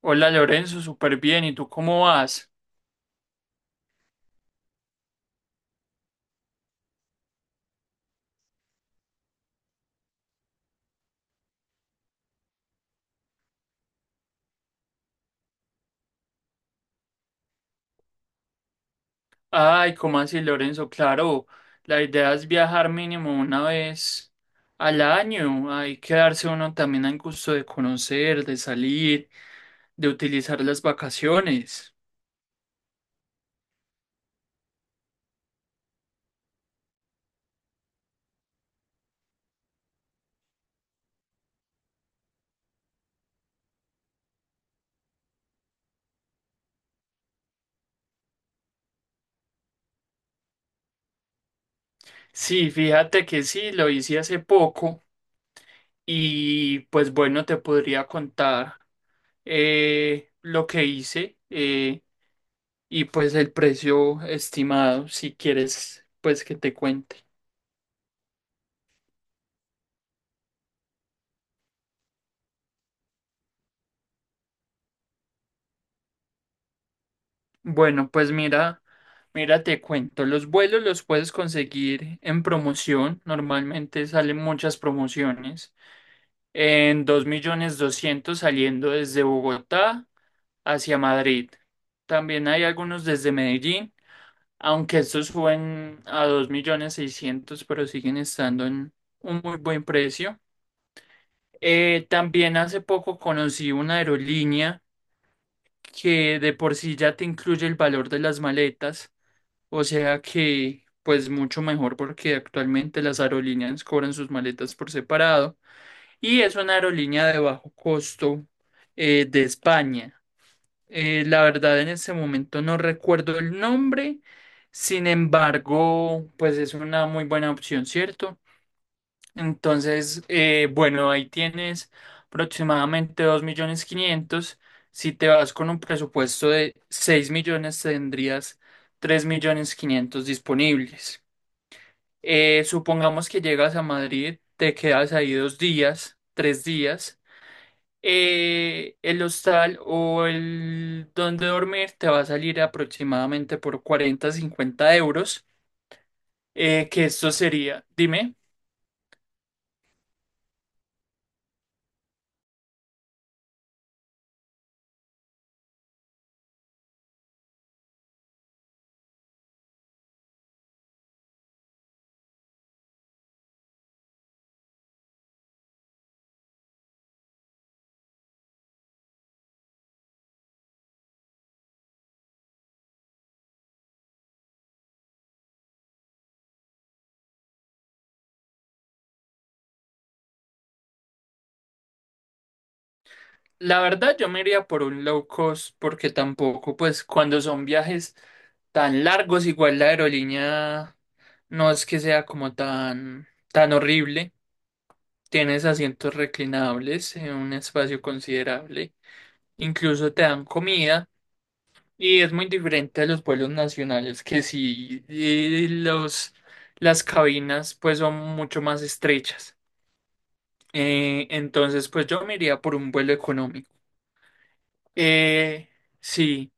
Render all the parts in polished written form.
Hola Lorenzo, súper bien. ¿Y tú cómo vas? Ay, ¿cómo así Lorenzo? Claro, la idea es viajar mínimo una vez al año. Hay que darse uno también al gusto de conocer, de salir, de utilizar las vacaciones. Sí, fíjate que sí, lo hice hace poco y pues bueno, te podría contar lo que hice y pues el precio estimado, si quieres, pues que te cuente. Bueno, pues mira, mira, te cuento, los vuelos los puedes conseguir en promoción, normalmente salen muchas promociones, en 2.200.000 saliendo desde Bogotá hacia Madrid. También hay algunos desde Medellín, aunque estos suben a 2.600.000, pero siguen estando en un muy buen precio. También hace poco conocí una aerolínea que de por sí ya te incluye el valor de las maletas. O sea que, pues mucho mejor porque actualmente las aerolíneas cobran sus maletas por separado y es una aerolínea de bajo costo de España. La verdad en ese momento no recuerdo el nombre, sin embargo, pues es una muy buena opción, ¿cierto? Entonces, bueno, ahí tienes aproximadamente 2.500.000. Si te vas con un presupuesto de 6.000.000, tendrías 3.500.000 disponibles. Supongamos que llegas a Madrid, te quedas ahí dos días, tres días. El hostal o el donde dormir te va a salir aproximadamente por 40 50 euros. Que esto sería, dime. La verdad, yo me iría por un low cost porque tampoco, pues cuando son viajes tan largos, igual la aerolínea no es que sea como tan, tan horrible. Tienes asientos reclinables en un espacio considerable. Incluso te dan comida y es muy diferente a los vuelos nacionales que sí, las cabinas pues son mucho más estrechas. Entonces, pues yo me iría por un vuelo económico. Eh, sí.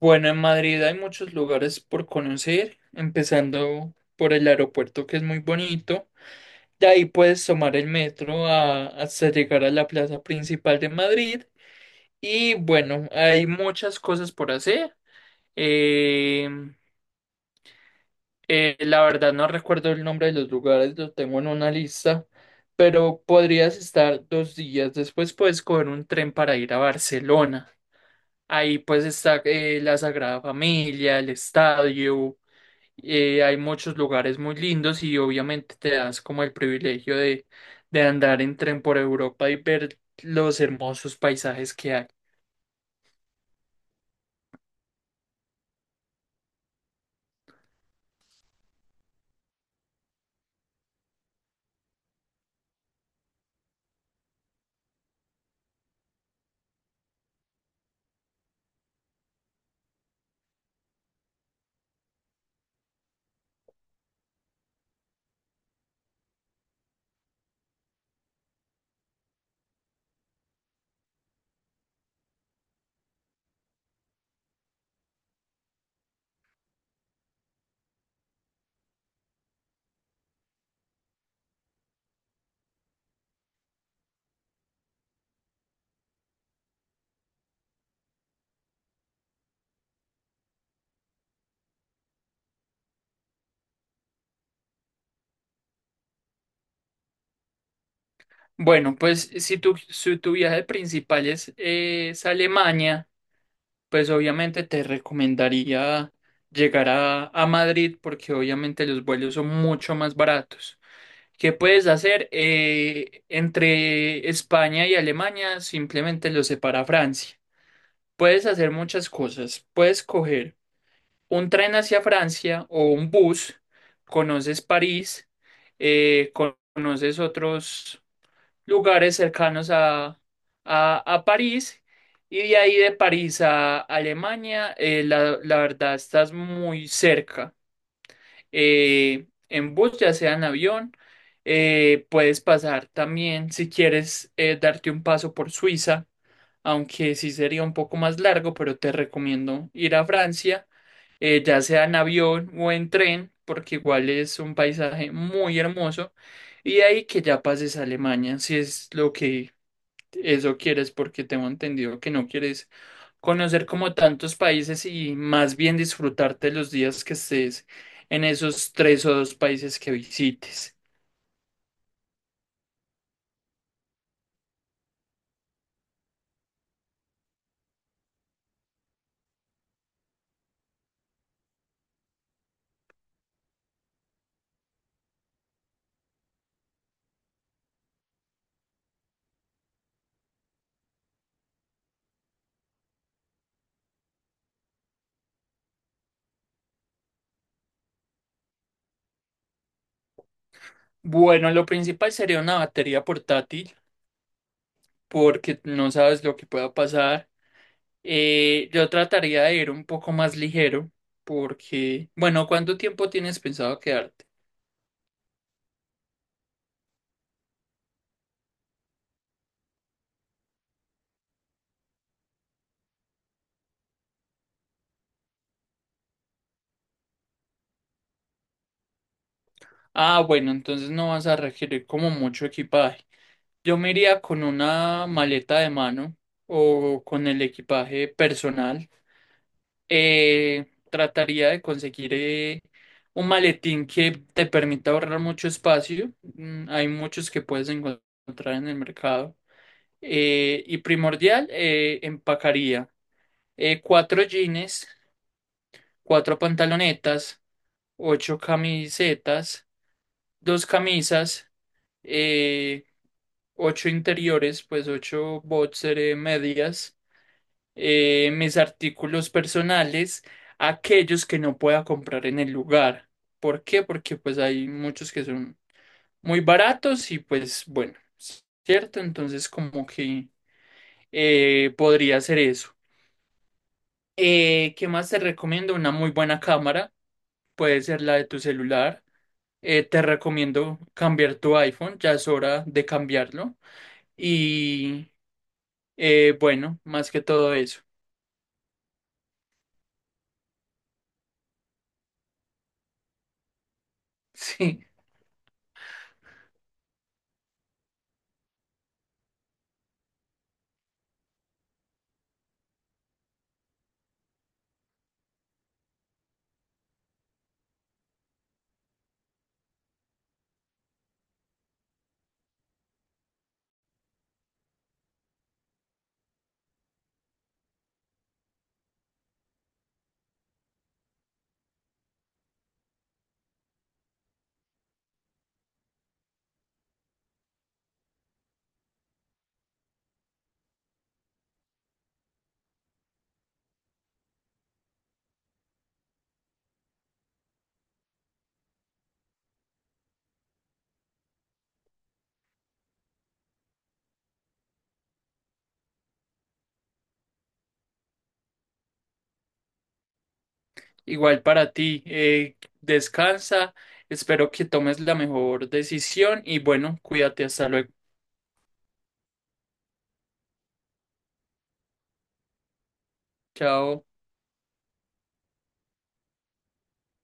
Bueno, en Madrid hay muchos lugares por conocer, empezando por el aeropuerto que es muy bonito. De ahí puedes tomar el metro hasta llegar a la plaza principal de Madrid. Y bueno, hay muchas cosas por hacer. Eh, la verdad no recuerdo el nombre de los lugares, lo tengo en una lista, pero podrías estar dos días. Después puedes coger un tren para ir a Barcelona. Ahí pues está la Sagrada Familia, el estadio, hay muchos lugares muy lindos y obviamente te das como el privilegio de andar en tren por Europa y ver los hermosos paisajes que hay. Bueno, pues si tu viaje principal es Alemania, pues obviamente te recomendaría llegar a Madrid porque obviamente los vuelos son mucho más baratos. ¿Qué puedes hacer? Entre España y Alemania simplemente los separa Francia. Puedes hacer muchas cosas. Puedes coger un tren hacia Francia o un bus, conoces París, eh, conoces otros lugares cercanos a París y de ahí de París a Alemania, la verdad estás muy cerca. En bus, ya sea en avión, puedes pasar también si quieres darte un paso por Suiza, aunque sí sería un poco más largo, pero te recomiendo ir a Francia, ya sea en avión o en tren, porque igual es un paisaje muy hermoso. Y de ahí que ya pases a Alemania, si es lo que eso quieres porque tengo entendido que no quieres conocer como tantos países y más bien disfrutarte los días que estés en esos tres o dos países que visites. Bueno, lo principal sería una batería portátil porque no sabes lo que pueda pasar. Yo trataría de ir un poco más ligero porque, bueno, ¿cuánto tiempo tienes pensado quedarte? Ah, bueno, entonces no vas a requerir como mucho equipaje. Yo me iría con una maleta de mano o con el equipaje personal. Eh, Trataría de conseguir un maletín que te permita ahorrar mucho espacio. Mm, hay muchos que puedes encontrar en el mercado. Y primordial, empacaría cuatro jeans, cuatro pantalonetas, ocho camisetas, dos camisas. eh, Ocho interiores, pues ocho boxer, medias, mis artículos personales, aquellos que no pueda comprar en el lugar. ¿Por qué? Porque pues hay muchos que son muy baratos y pues bueno, ¿cierto? Entonces como que podría ser eso. ¿Qué más te recomiendo? Una muy buena cámara, puede ser la de tu celular. Te recomiendo cambiar tu iPhone, ya es hora de cambiarlo. Y bueno, más que todo eso. Sí, igual para ti. Descansa, espero que tomes la mejor decisión y bueno, cuídate, hasta luego. Chao.